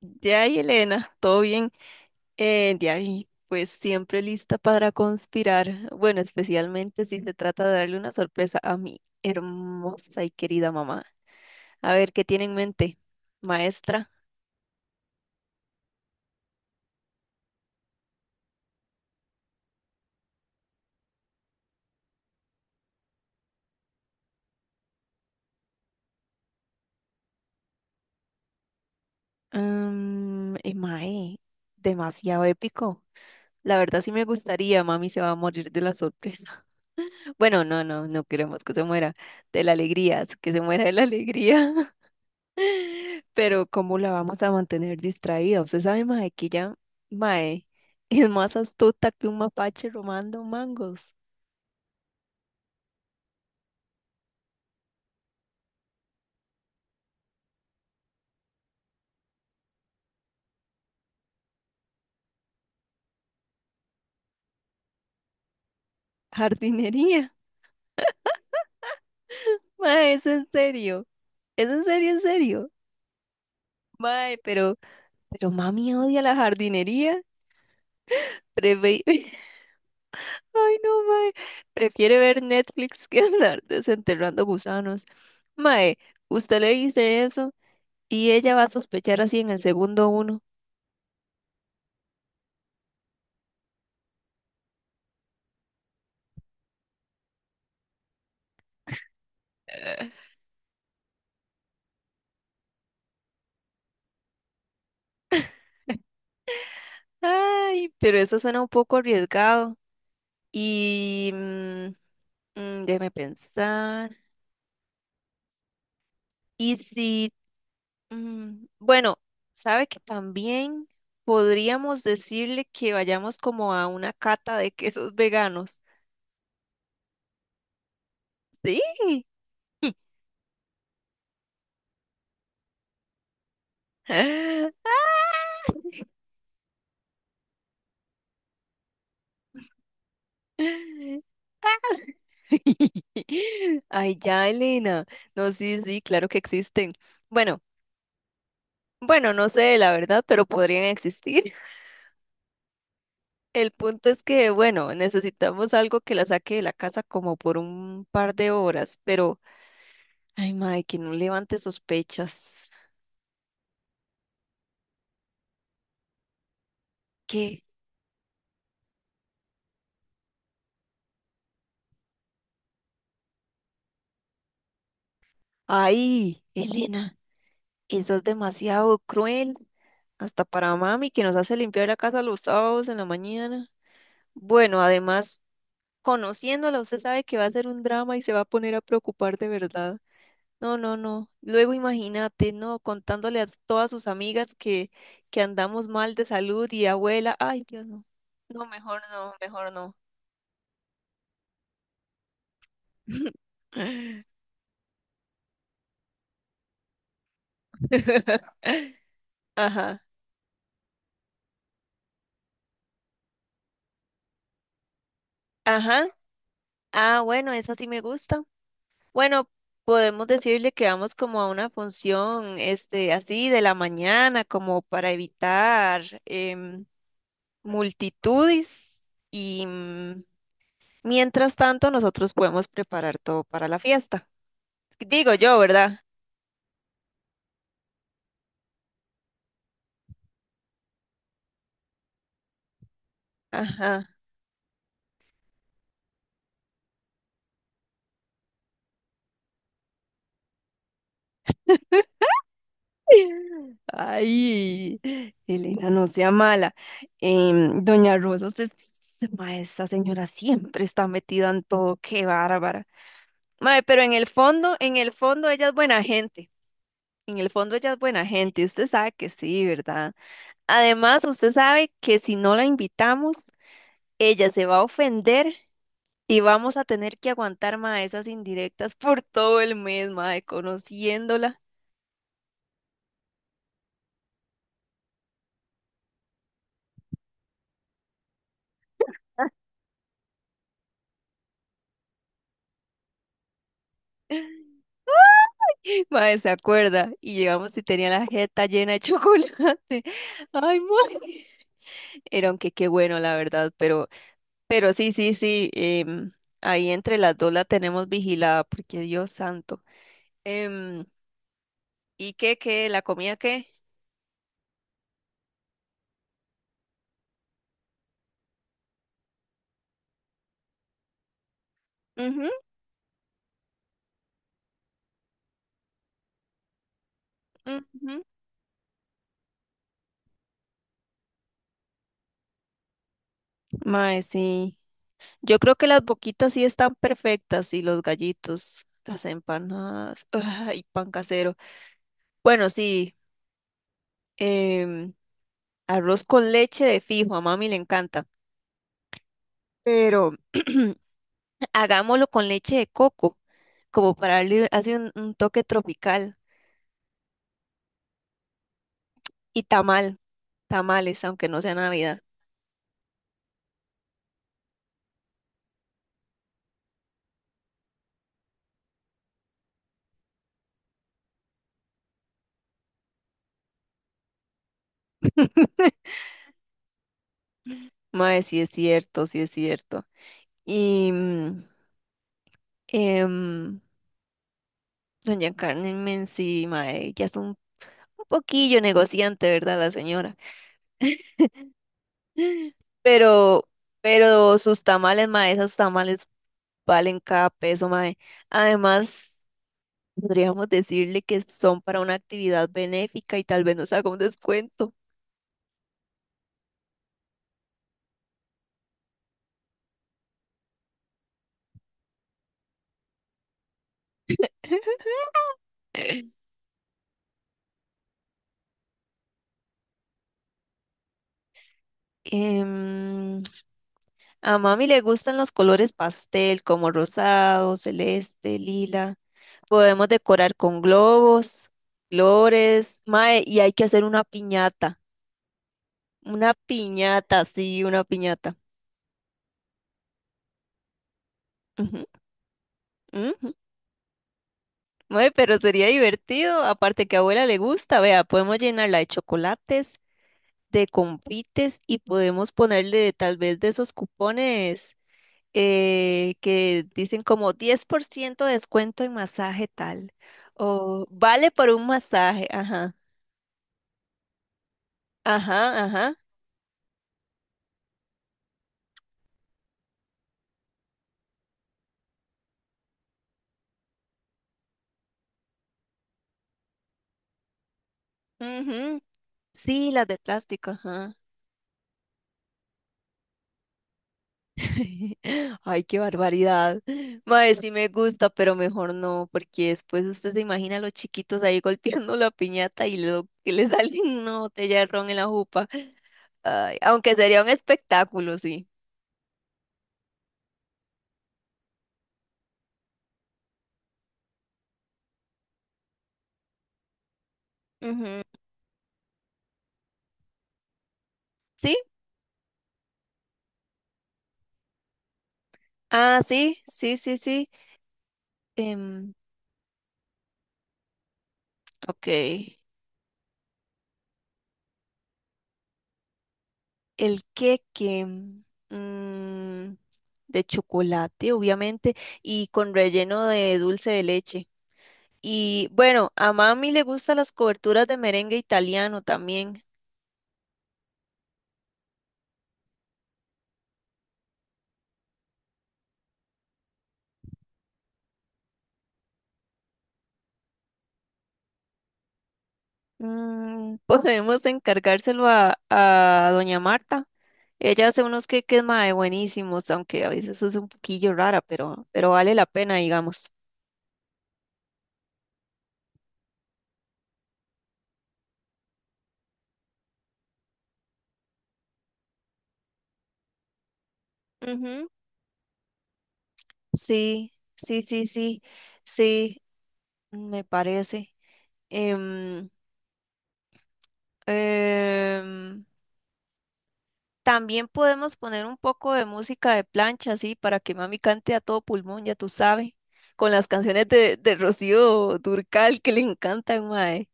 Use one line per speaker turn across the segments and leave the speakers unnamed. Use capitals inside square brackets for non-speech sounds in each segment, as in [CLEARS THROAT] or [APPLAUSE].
Ya, y Elena, todo bien. Ya, y pues siempre lista para conspirar. Bueno, especialmente si se trata de darle una sorpresa a mi hermosa y querida mamá. A ver, ¿qué tiene en mente, maestra? Mae, demasiado épico. La verdad sí me gustaría, mami se va a morir de la sorpresa. [LAUGHS] Bueno, no, no, no queremos que se muera de la alegría, que se muera de la alegría. Pero ¿cómo la vamos a mantener distraída? Usted sabe, mae, que ya, mae, [LAUGHS] es más astuta que un mapache romando mangos. Jardinería. [LAUGHS] Mae, es en serio. Es en serio, en serio. Mae, pero mami odia la jardinería. Preve- [LAUGHS] Ay, no, mae. Prefiere ver Netflix [LAUGHS] que andar desenterrando gusanos. Mae, usted le dice eso y ella va a sospechar así en el segundo uno. Eh. Ay, pero eso suena un poco arriesgado. Y mm, Déjeme pensar. Y si, mm, Bueno, sabe que también podríamos decirle que vayamos como a una cata de quesos veganos. Sí. [LAUGHS] [LAUGHS] Ay, ya, Elena. No, sí, sí, claro que existen. Bueno, bueno, no sé la verdad, pero podrían existir. [LAUGHS] El punto es que, bueno, necesitamos algo que la saque de la casa como por un par de horas, pero ay, mae, que no levante sospechas. ¿Qué? Ay, Elena, eso es demasiado cruel, hasta para mami que nos hace limpiar la casa los sábados en la mañana. Bueno, además, conociéndola, usted sabe que va a ser un drama y se va a poner a preocupar de verdad. No, no, no. Luego imagínate, no, contándole a todas sus amigas que andamos mal de salud y abuela. Ay, Dios, no. No, mejor no, mejor no. [LAUGHS] [LAUGHS] Ajá, ajá. Ah, bueno, eso sí me gusta. Bueno, podemos decirle que vamos como a una función, este, así de la mañana, como para evitar multitudes y mm, mientras tanto nosotros podemos preparar todo para la fiesta. Digo yo, ¿verdad? Ajá. [LAUGHS] Ay, Elena, no sea mala. Doña Rosa, usted, s- esa señora siempre está metida en todo, qué bárbara. Mae, pero en el fondo ella es buena gente. En el fondo ella es buena gente. Usted sabe que sí, ¿verdad? Además, usted sabe que si no la invitamos, ella se va a ofender y vamos a tener que aguantar, mae, esas indirectas por todo el mes, mae, conociéndola. [LAUGHS] Mae, se acuerda. Y llegamos y tenía la jeta llena de chocolate. [LAUGHS] Ay, mae. Era aunque qué bueno, la verdad. Pero sí, sí, sí. Ahí entre las dos la tenemos vigilada, porque Dios santo. Em, ¿Y qué, qué? ¿La comida qué? Ujú, ujú. Mae, sí. Yo creo que las boquitas sí están perfectas y los gallitos, las empanadas, [LAUGHS] y pan casero. Bueno, sí, em, arroz con leche de fijo, a mami le encanta, pero [CLEARS THROAT] hagámoslo con leche de coco, como para darle así un toque tropical. Y tamal, tamales, aunque no sea Navidad. Mae, sí es cierto, sí es cierto. Y... mm, em, Doña Carmen Menzi, mae, ya es un poquillo negociante, ¿verdad? La señora. Pero, pero sus tamales, mae, esos tamales valen cada peso, mae. Además, podríamos decirle que son para una actividad benéfica y tal vez nos haga un descuento. [CLEARS THROAT] Em, a mami le gustan los colores pastel, como rosado, celeste, lila. Podemos decorar con globos, flores, mae, y hay que hacer una piñata. Una piñata, sí, una piñata. Ujú, ujú. Mae, pero sería divertido, aparte que a abuela le gusta, vea, podemos llenarla de chocolates, de comprites y podemos ponerle tal vez de esos cupones que dicen como 10% de descuento en masaje tal, o vale por un masaje, ajá, ajá, ajá. Ujú. Sí, las de plástico, ajá. [LAUGHS] Ay, qué barbaridad. Mae, sí me gusta, pero mejor no, porque después usted se imagina a los chiquitos ahí [LAUGHS] golpeando la piñata y lo que le sale una botella de ron en la jupa. Ay, aunque sería un espectáculo, sí. Ujú. ¿Sí? Ah, sí, sí, sí, sí. Em, ok. El queque de chocolate, obviamente, y con relleno de dulce de leche. Y bueno, a mami le gustan las coberturas de merengue italiano también. [LAUGHS] Podemos encargárselo a doña Marta. Ella hace unos queques mae buenísimos, aunque a veces es un poquillo rara, pero vale la pena, digamos. Ujú, sí, sí, sí, sí, sí, me parece. Em, em, También podemos poner un poco de música de plancha, así, para que mami cante a todo pulmón, ya tú sabes, con las canciones de Rocío Durcal que le encantan, mae.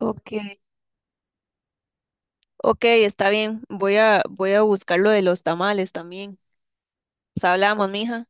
Ok, ok, está bien. Voy a buscar lo de los tamales también. Pues hablamos, mija.